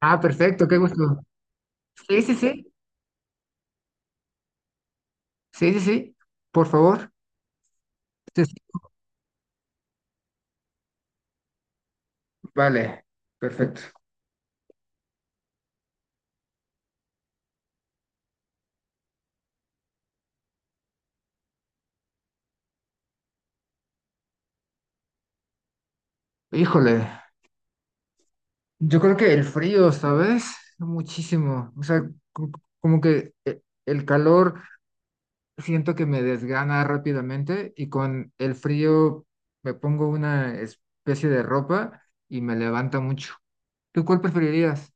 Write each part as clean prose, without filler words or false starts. Ah, perfecto, qué gusto. Sí, sí, sí, sí, sí, sí, por favor. Sí, sí. Vale, perfecto. Híjole, yo creo que el frío, ¿sabes? Muchísimo. O sea, co- como que el calor siento que me desgana rápidamente y con el frío me pongo una especie de ropa y me levanta mucho. ¿Tú cuál preferirías?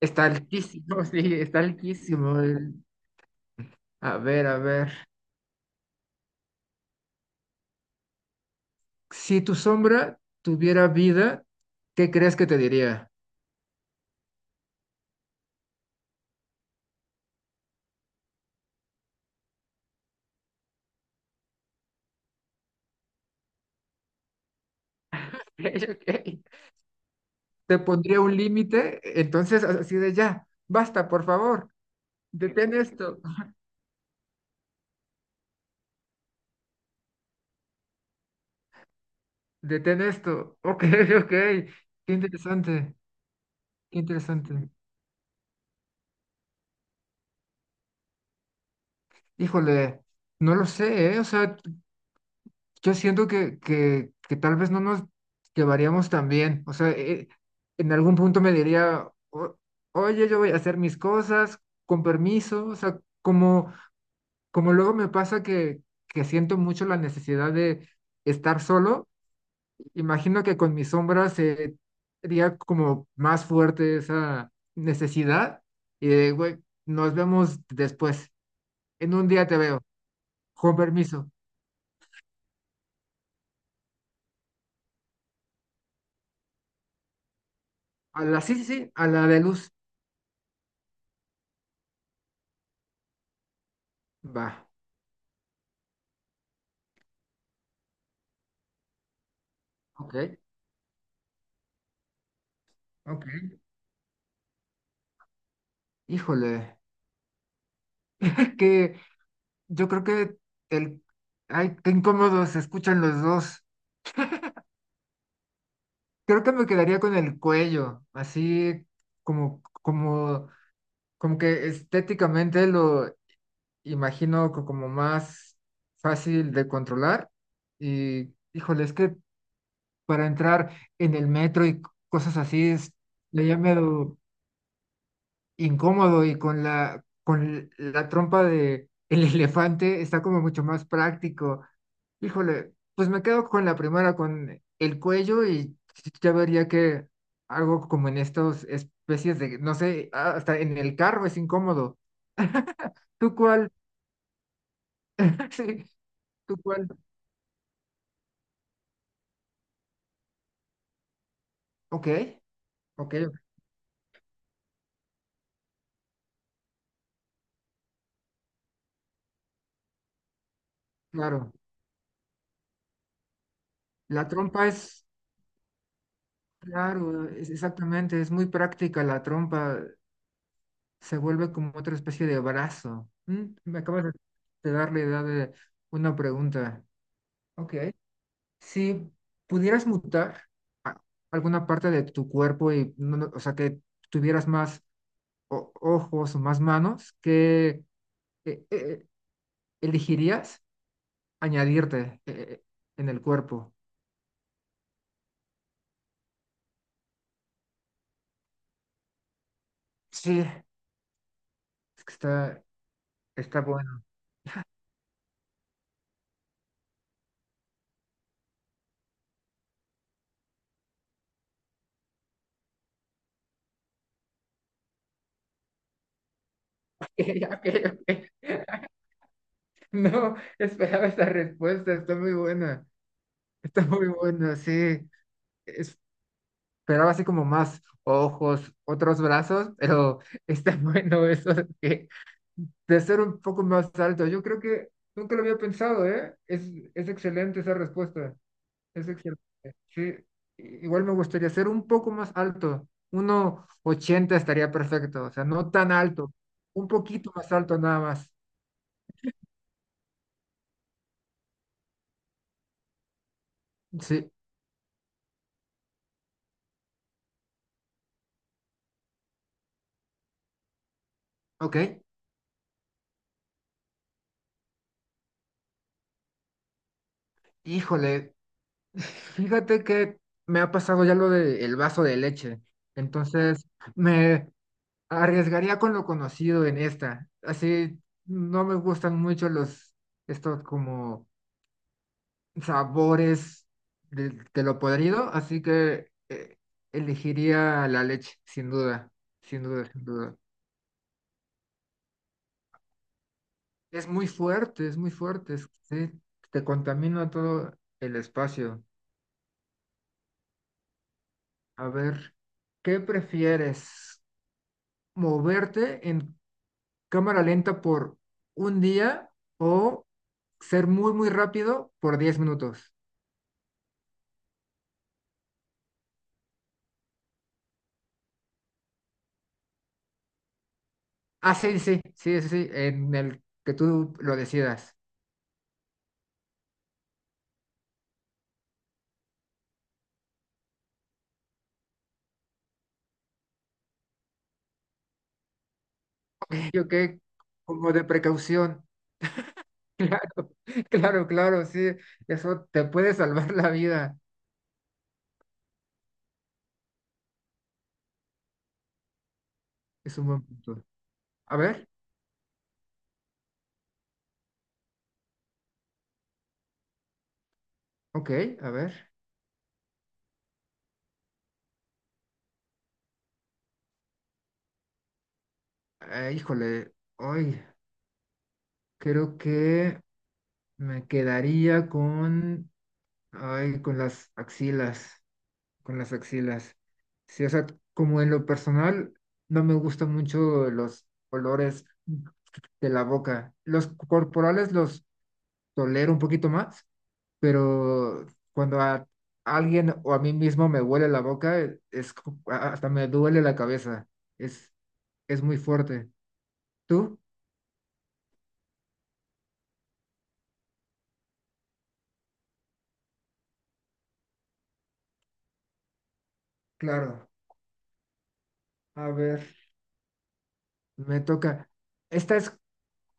Está altísimo, sí, está altísimo. A ver, a ver. Si tu sombra tuviera vida, ¿qué crees que te diría? Ok. Te pondría un límite, entonces así de ya, basta, por favor, detén esto, detén esto. Ok, ok, qué interesante, qué interesante. Híjole, no lo sé, ¿eh? O sea, yo siento que, que tal vez no nos llevaríamos tan bien. O sea, en algún punto me diría, oye, yo voy a hacer mis cosas con permiso, o sea, como luego me pasa que siento mucho la necesidad de estar solo, imagino que con mis sombras sería como más fuerte esa necesidad y de, güey, nos vemos después. En un día te veo, con permiso. A la, sí, sí, sí, a la de luz. Va, ok, ok. Híjole, es que yo creo que el... ay, qué incómodo se escuchan los dos. Creo que me quedaría con el cuello, así como como que estéticamente lo imagino como más fácil de controlar y, híjole, es que para entrar en el metro y cosas así es ya medio incómodo y con la trompa de el elefante está como mucho más práctico. Híjole, pues me quedo con la primera, con el cuello y ya vería que algo como en estas especies de, no sé, hasta en el carro es incómodo. ¿Tú cuál sí, tú cuál. Ok, ok, claro. La trompa es, claro, exactamente, es muy práctica. La trompa se vuelve como otra especie de brazo. Me acabas de dar la idea de una pregunta. Ok. Si pudieras mutar a- alguna parte de tu cuerpo y, o sea, que tuvieras más ojos o más manos, ¿qué eh, eh, eh, elegirías añadirte en el cuerpo? Sí. Es que está bueno. Ok, ok, ok. No esperaba esa respuesta, está muy buena. Está muy buena, sí. Esperaba así como más ojos, otros brazos, pero está bueno eso de, de ser un poco más alto. Yo creo que nunca lo había pensado, ¿eh? Es excelente esa respuesta. Es excelente. Sí. Igual me gustaría ser un poco más alto. Uno ochenta estaría perfecto, o sea, no tan alto, un poquito más alto nada más. Sí, ok, híjole, fíjate que me ha pasado ya lo del vaso de leche, entonces me arriesgaría con lo conocido en esta, así no me gustan mucho estos como sabores de lo podrido, así que elegiría la leche, sin duda, sin duda, sin duda. Es muy fuerte, sí, te contamina todo el espacio. A ver, ¿qué prefieres? Moverte en cámara lenta por un día o ser muy, muy rápido por 10 minutos. Ah, sí, sí, sí, sí, sí, en el que tú lo decidas. Ok, ok, como de precaución. Claro, claro, claro, sí, eso te puede salvar la vida. Es un buen punto. A ver, ok, a ver. Híjole, hoy creo que me quedaría con, ay, con las axilas. Con las axilas. Sí, o sea, como en lo personal, no me gustan mucho los olores de la boca. Los corporales los tolero un poquito más, pero cuando a alguien o a mí mismo me huele la boca, hasta me duele la cabeza. Es, es muy fuerte. ¿Tú? Claro. A ver, me toca. Esta es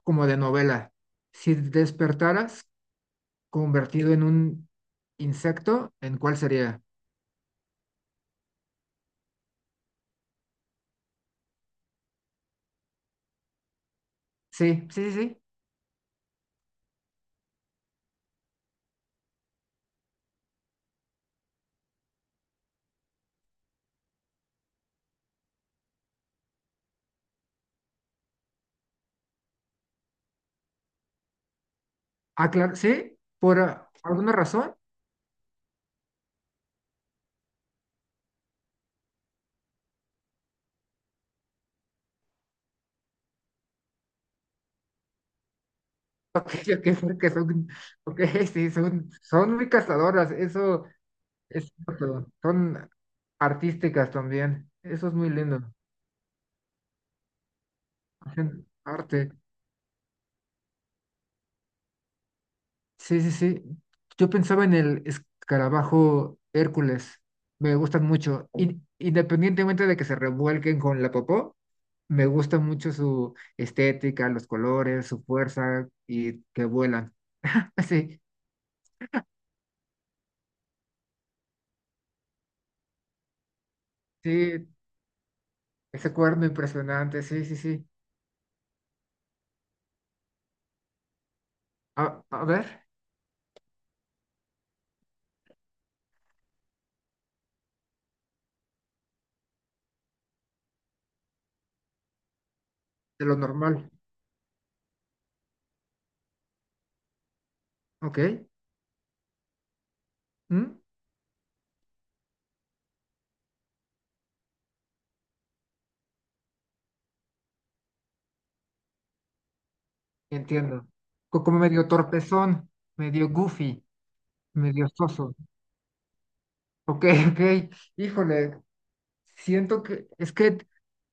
como de novela. Si despertaras convertido en un insecto, ¿en cuál sería? Sí, sí, sí, sí. Ah, claro, sí, por alguna razón. Ok, ok, porque son, ok, sí, son, muy cazadoras, eso es cierto. Son artísticas también, eso es muy lindo. Hacen arte. Sí, sí, sí. Yo pensaba en el escarabajo Hércules, me gustan mucho. Independientemente de que se revuelquen con la popó, me gusta mucho su estética, los colores, su fuerza y que vuelan. Sí. Sí, ese cuerno impresionante, sí, sí, sí. A ver, de lo normal, ¿ok? ¿Mm? Entiendo. Como medio torpezón, medio goofy, medio soso. Ok, ok. Híjole, siento que, es que,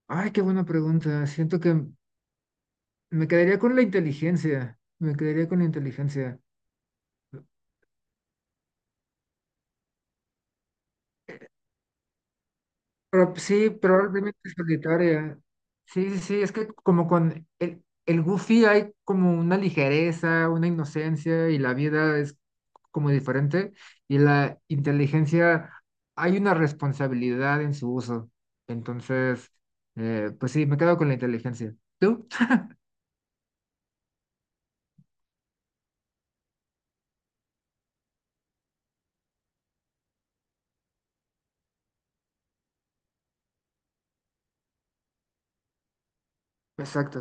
ay, qué buena pregunta. Siento que me quedaría con la inteligencia, me quedaría con la inteligencia. Sí, probablemente solitaria. Sí, sí, sí, es que como con el Goofy hay como una ligereza, una inocencia y la vida es como diferente y la inteligencia hay una responsabilidad en su uso. Entonces, pues sí, me quedo con la inteligencia. ¿Tú? Exacto,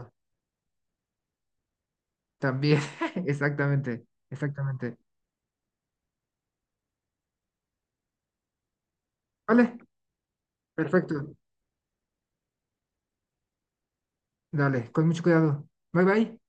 también, exactamente, exactamente. Vale, perfecto. Dale, con mucho cuidado. Bye bye.